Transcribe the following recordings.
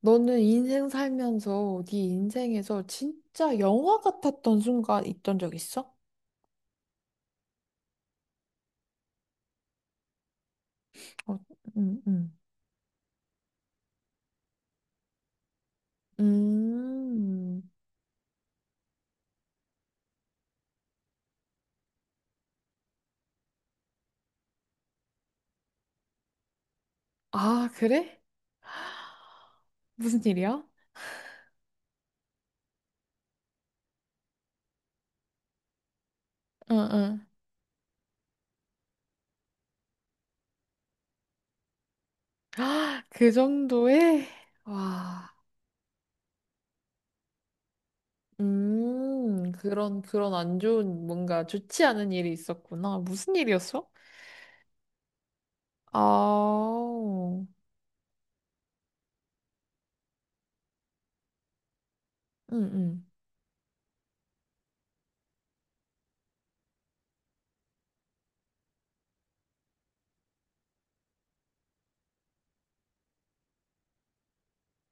너는 인생 살면서 네 인생에서 진짜 영화 같았던 순간 있던 적 있어? 어, 음, 음. 음. 아, 그래? 무슨 일이야? 응, 응. 아, 그 정도에? 와. 그런 안 좋은, 뭔가 좋지 않은 일이 있었구나. 무슨 일이었어? 아, 응, 응.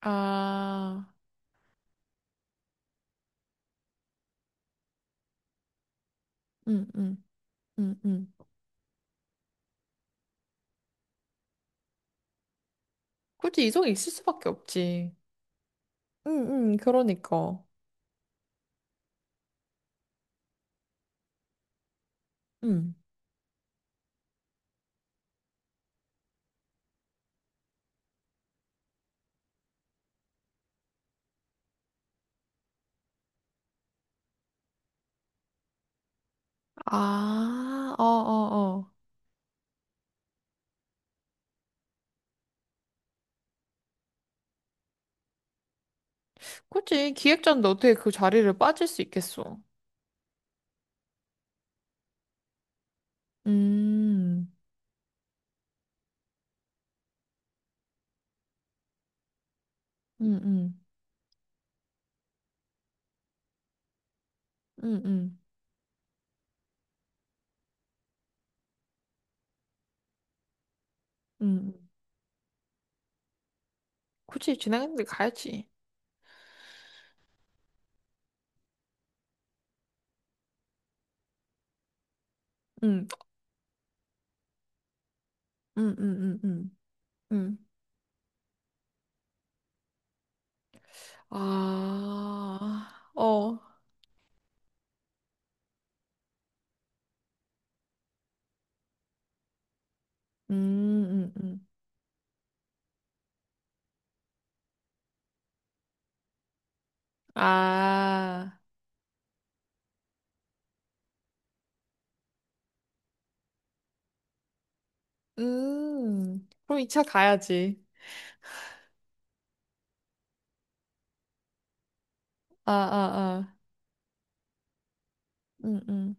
아, 응, 응, 응, 응. 굳이 이성이 있을 수밖에 없지. 응, 응, 그러니까. 응. 아, 어, 어, 어. 그치. 기획자인데 어떻게 그 자리를 빠질 수 있겠어. 음, 응, 응, 응, 응, 응. 그치. 진행했는데 가야지. 응, 응, 응, 응, 응. 응. 아, 어. 음, 음, 음. 아, 그럼 이 차 가야지. 아, 아, 아. 음, 음.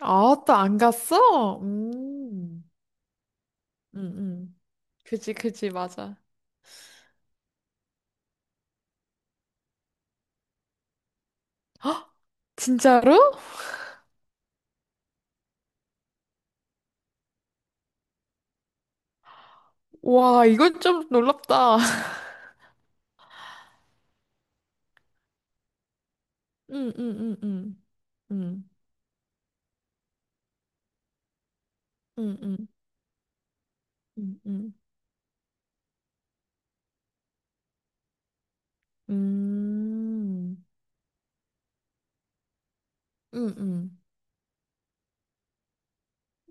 아, 또 안 갔어? 음. 응, 응. 그지, 그지, 맞아. 진짜로? 와, 이건 좀 놀랍다. 응, 응, 응, 응. 응, 응, 응, 응, 응. 음, 응, 응,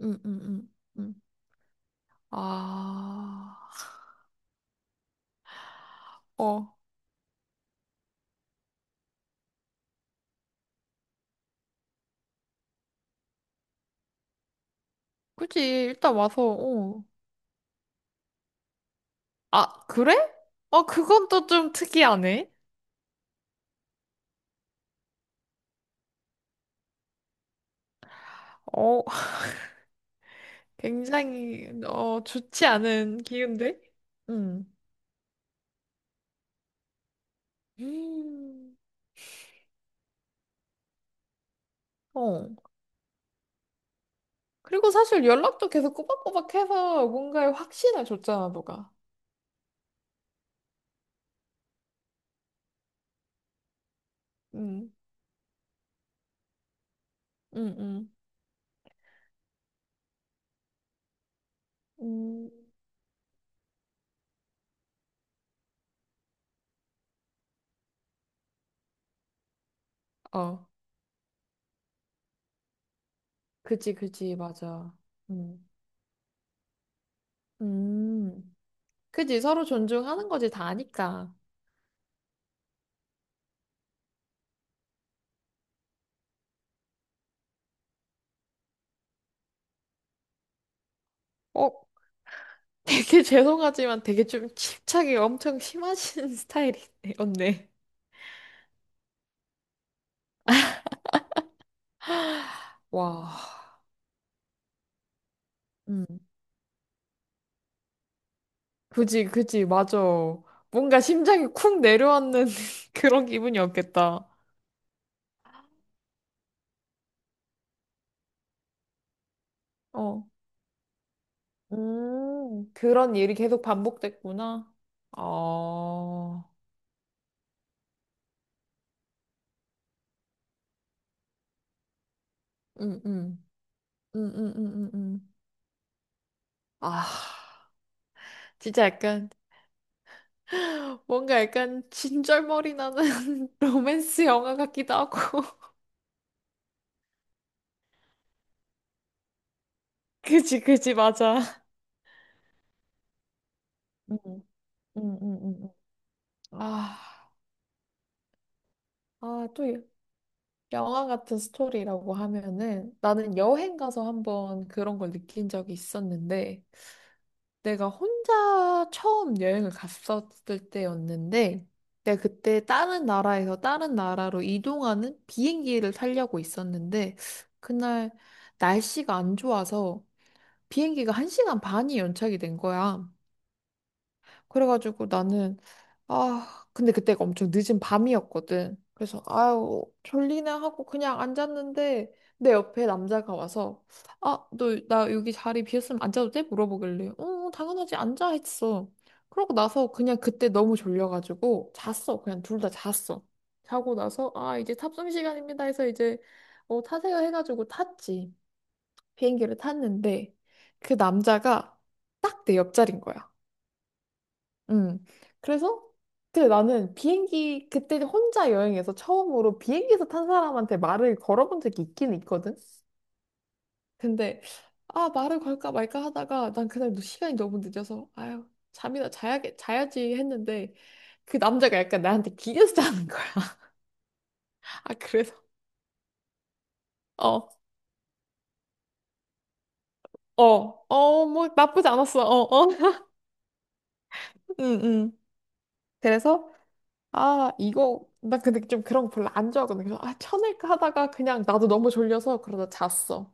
응, 응, 응. 응. 아, 어. 그지, 일단 와서, 어. 아, 그래? 어, 그건 또 좀 특이하네. 어, 굉장히, 어, 좋지 않은 기운데? 응. 음, 어. 그리고 사실 연락도 계속 꼬박꼬박 해서 뭔가에 확신을 줬잖아, 너가. 응, 응, 응. 음, 어, 그지, 그지, 맞아. 음, 음. 그지, 서로 존중하는 거지, 다 아니까. 어, 되게 죄송하지만 되게 좀 집착이 엄청 심하신 스타일이네, 언니. 와, 음. 그지, 그지, 맞아. 뭔가 심장이 쿵 내려앉는 그런 기분이었겠다. 어. 그런 일이 계속 반복됐구나. 어, 음, 음, 음. 아, 진짜 약간, 뭔가 약간 진절머리 나는 로맨스 영화 같기도 하고. 그지, 그지, 맞아. 음, 음. 아, 아, 영화 같은 스토리라고 하면은 나는 여행 가서 한번 그런 걸 느낀 적이 있었는데, 내가 혼자 처음 여행을 갔었을 때였는데, 내가 그때 다른 나라에서 다른 나라로 이동하는 비행기를 타려고 있었는데, 그날 날씨가 안 좋아서 비행기가 한 시간 반이 연착이 된 거야. 그래가지고 나는, 아, 근데 그때가 엄청 늦은 밤이었거든. 그래서, 아유, 졸리네 하고 그냥 앉았는데, 내 옆에 남자가 와서, 아, 너, 나 여기 자리 비었으면 앉아도 돼? 물어보길래, 응, 당연하지, 앉아 했어. 그러고 나서 그냥 그때 너무 졸려가지고, 잤어. 그냥 둘 다 잤어. 자고 나서, 아, 이제 탑승 시간입니다 해서 이제, 어, 타세요 해가지고 탔지. 비행기를 탔는데, 그 남자가 딱 내 옆자리인 거야. 음. 그래서 그때 나는 비행기 그때 혼자 여행해서 처음으로 비행기에서 탄 사람한테 말을 걸어본 적이 있긴 있거든. 근데 아 말을 걸까 말까 하다가 난 그날 시간이 너무 늦어서 아유 잠이나 자야겠 자야지 했는데 그 남자가 약간 나한테 기대서 자는 거야. 아 그래서 어 어 어 뭐 나쁘지 않았어. 어 어. 응 응. 그래서 아 이거 나 근데 좀 그런 거 별로 안 좋아하거든. 그래서 아 쳐낼까 하다가 그냥 나도 너무 졸려서 그러다 잤어.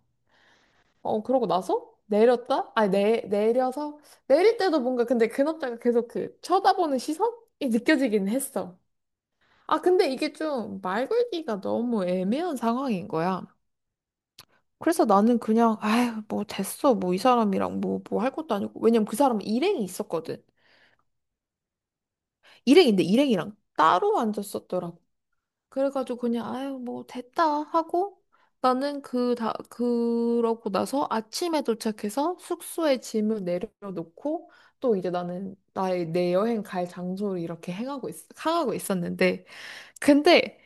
어, 그러고 나서 내렸다? 아니, 내려서 내릴 때도 뭔가 근데 근업자가 계속 그 쳐다보는 시선이 느껴지긴 했어. 아, 근데 이게 좀 말 걸기가 너무 애매한 상황인 거야. 그래서 나는 그냥, 아휴, 뭐 됐어. 뭐 이 사람이랑 뭐 할 것도 아니고. 왜냐면 그 사람은 일행이 있었거든. 일행인데 일행이랑 따로 앉았었더라고. 그래가지고 그냥 아유 뭐 됐다 하고 나는 그다 그러고 나서 아침에 도착해서 숙소에 짐을 내려놓고 또 이제 나는 나의 내 여행 갈 장소를 이렇게 향하고 있었는데 근데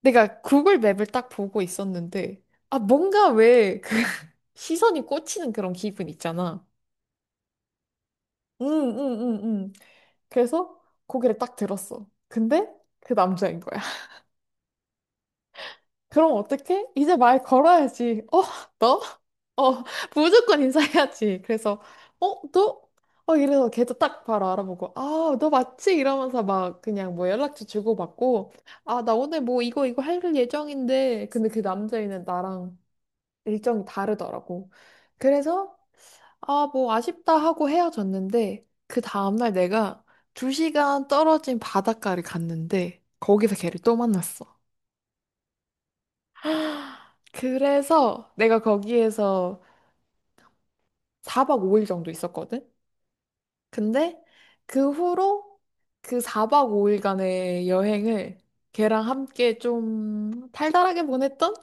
내가 구글 맵을 딱 보고 있었는데 아 뭔가 왜 그 시선이 꽂히는 그런 기분 있잖아. 응응응응 그래서 고개를 딱 들었어. 근데 그 남자인 거야. 그럼 어떡해? 이제 말 걸어야지. 어, 너? 어, 무조건 인사해야지. 그래서, 어, 너? 어, 이래서 걔도 딱 바로 알아보고, 아, 너 맞지? 이러면서 막 그냥 뭐 연락처 주고받고, 아, 나 오늘 뭐 이거 할 예정인데. 근데 그 남자애는 나랑 일정이 다르더라고. 그래서, 아, 뭐 아쉽다 하고 헤어졌는데, 그 다음날 내가 2시간 떨어진 바닷가를 갔는데, 거기서 걔를 또 만났어. 그래서 내가 거기에서 4박 5일 정도 있었거든? 근데 그 후로 그 4박 5일간의 여행을 걔랑 함께 좀 달달하게 보냈던?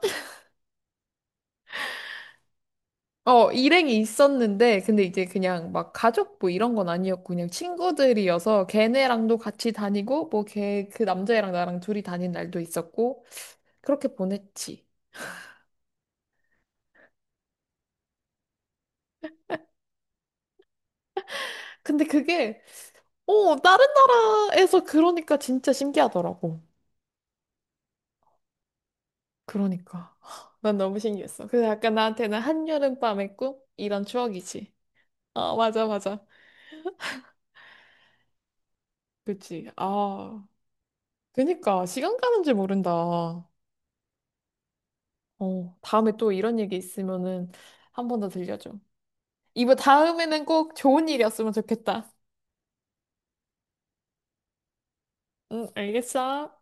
어, 일행이 있었는데, 근데 이제 그냥 막 가족 뭐 이런 건 아니었고, 그냥 친구들이어서 걔네랑도 같이 다니고, 뭐 걔, 그 남자애랑 나랑 둘이 다닌 날도 있었고, 그렇게 보냈지. 근데 그게, 어, 다른 나라에서 그러니까 진짜 신기하더라고. 그러니까. 난 너무 신기했어. 그래서 약간 나한테는 한여름밤의 꿈? 이런 추억이지. 어, 맞아, 맞아. 그치. 아, 그니까. 시간 가는 줄 모른다. 어, 다음에 또 이런 얘기 있으면은 한 번 더 들려줘. 이번 다음에는 꼭 좋은 일이었으면 좋겠다. 응, 알겠어.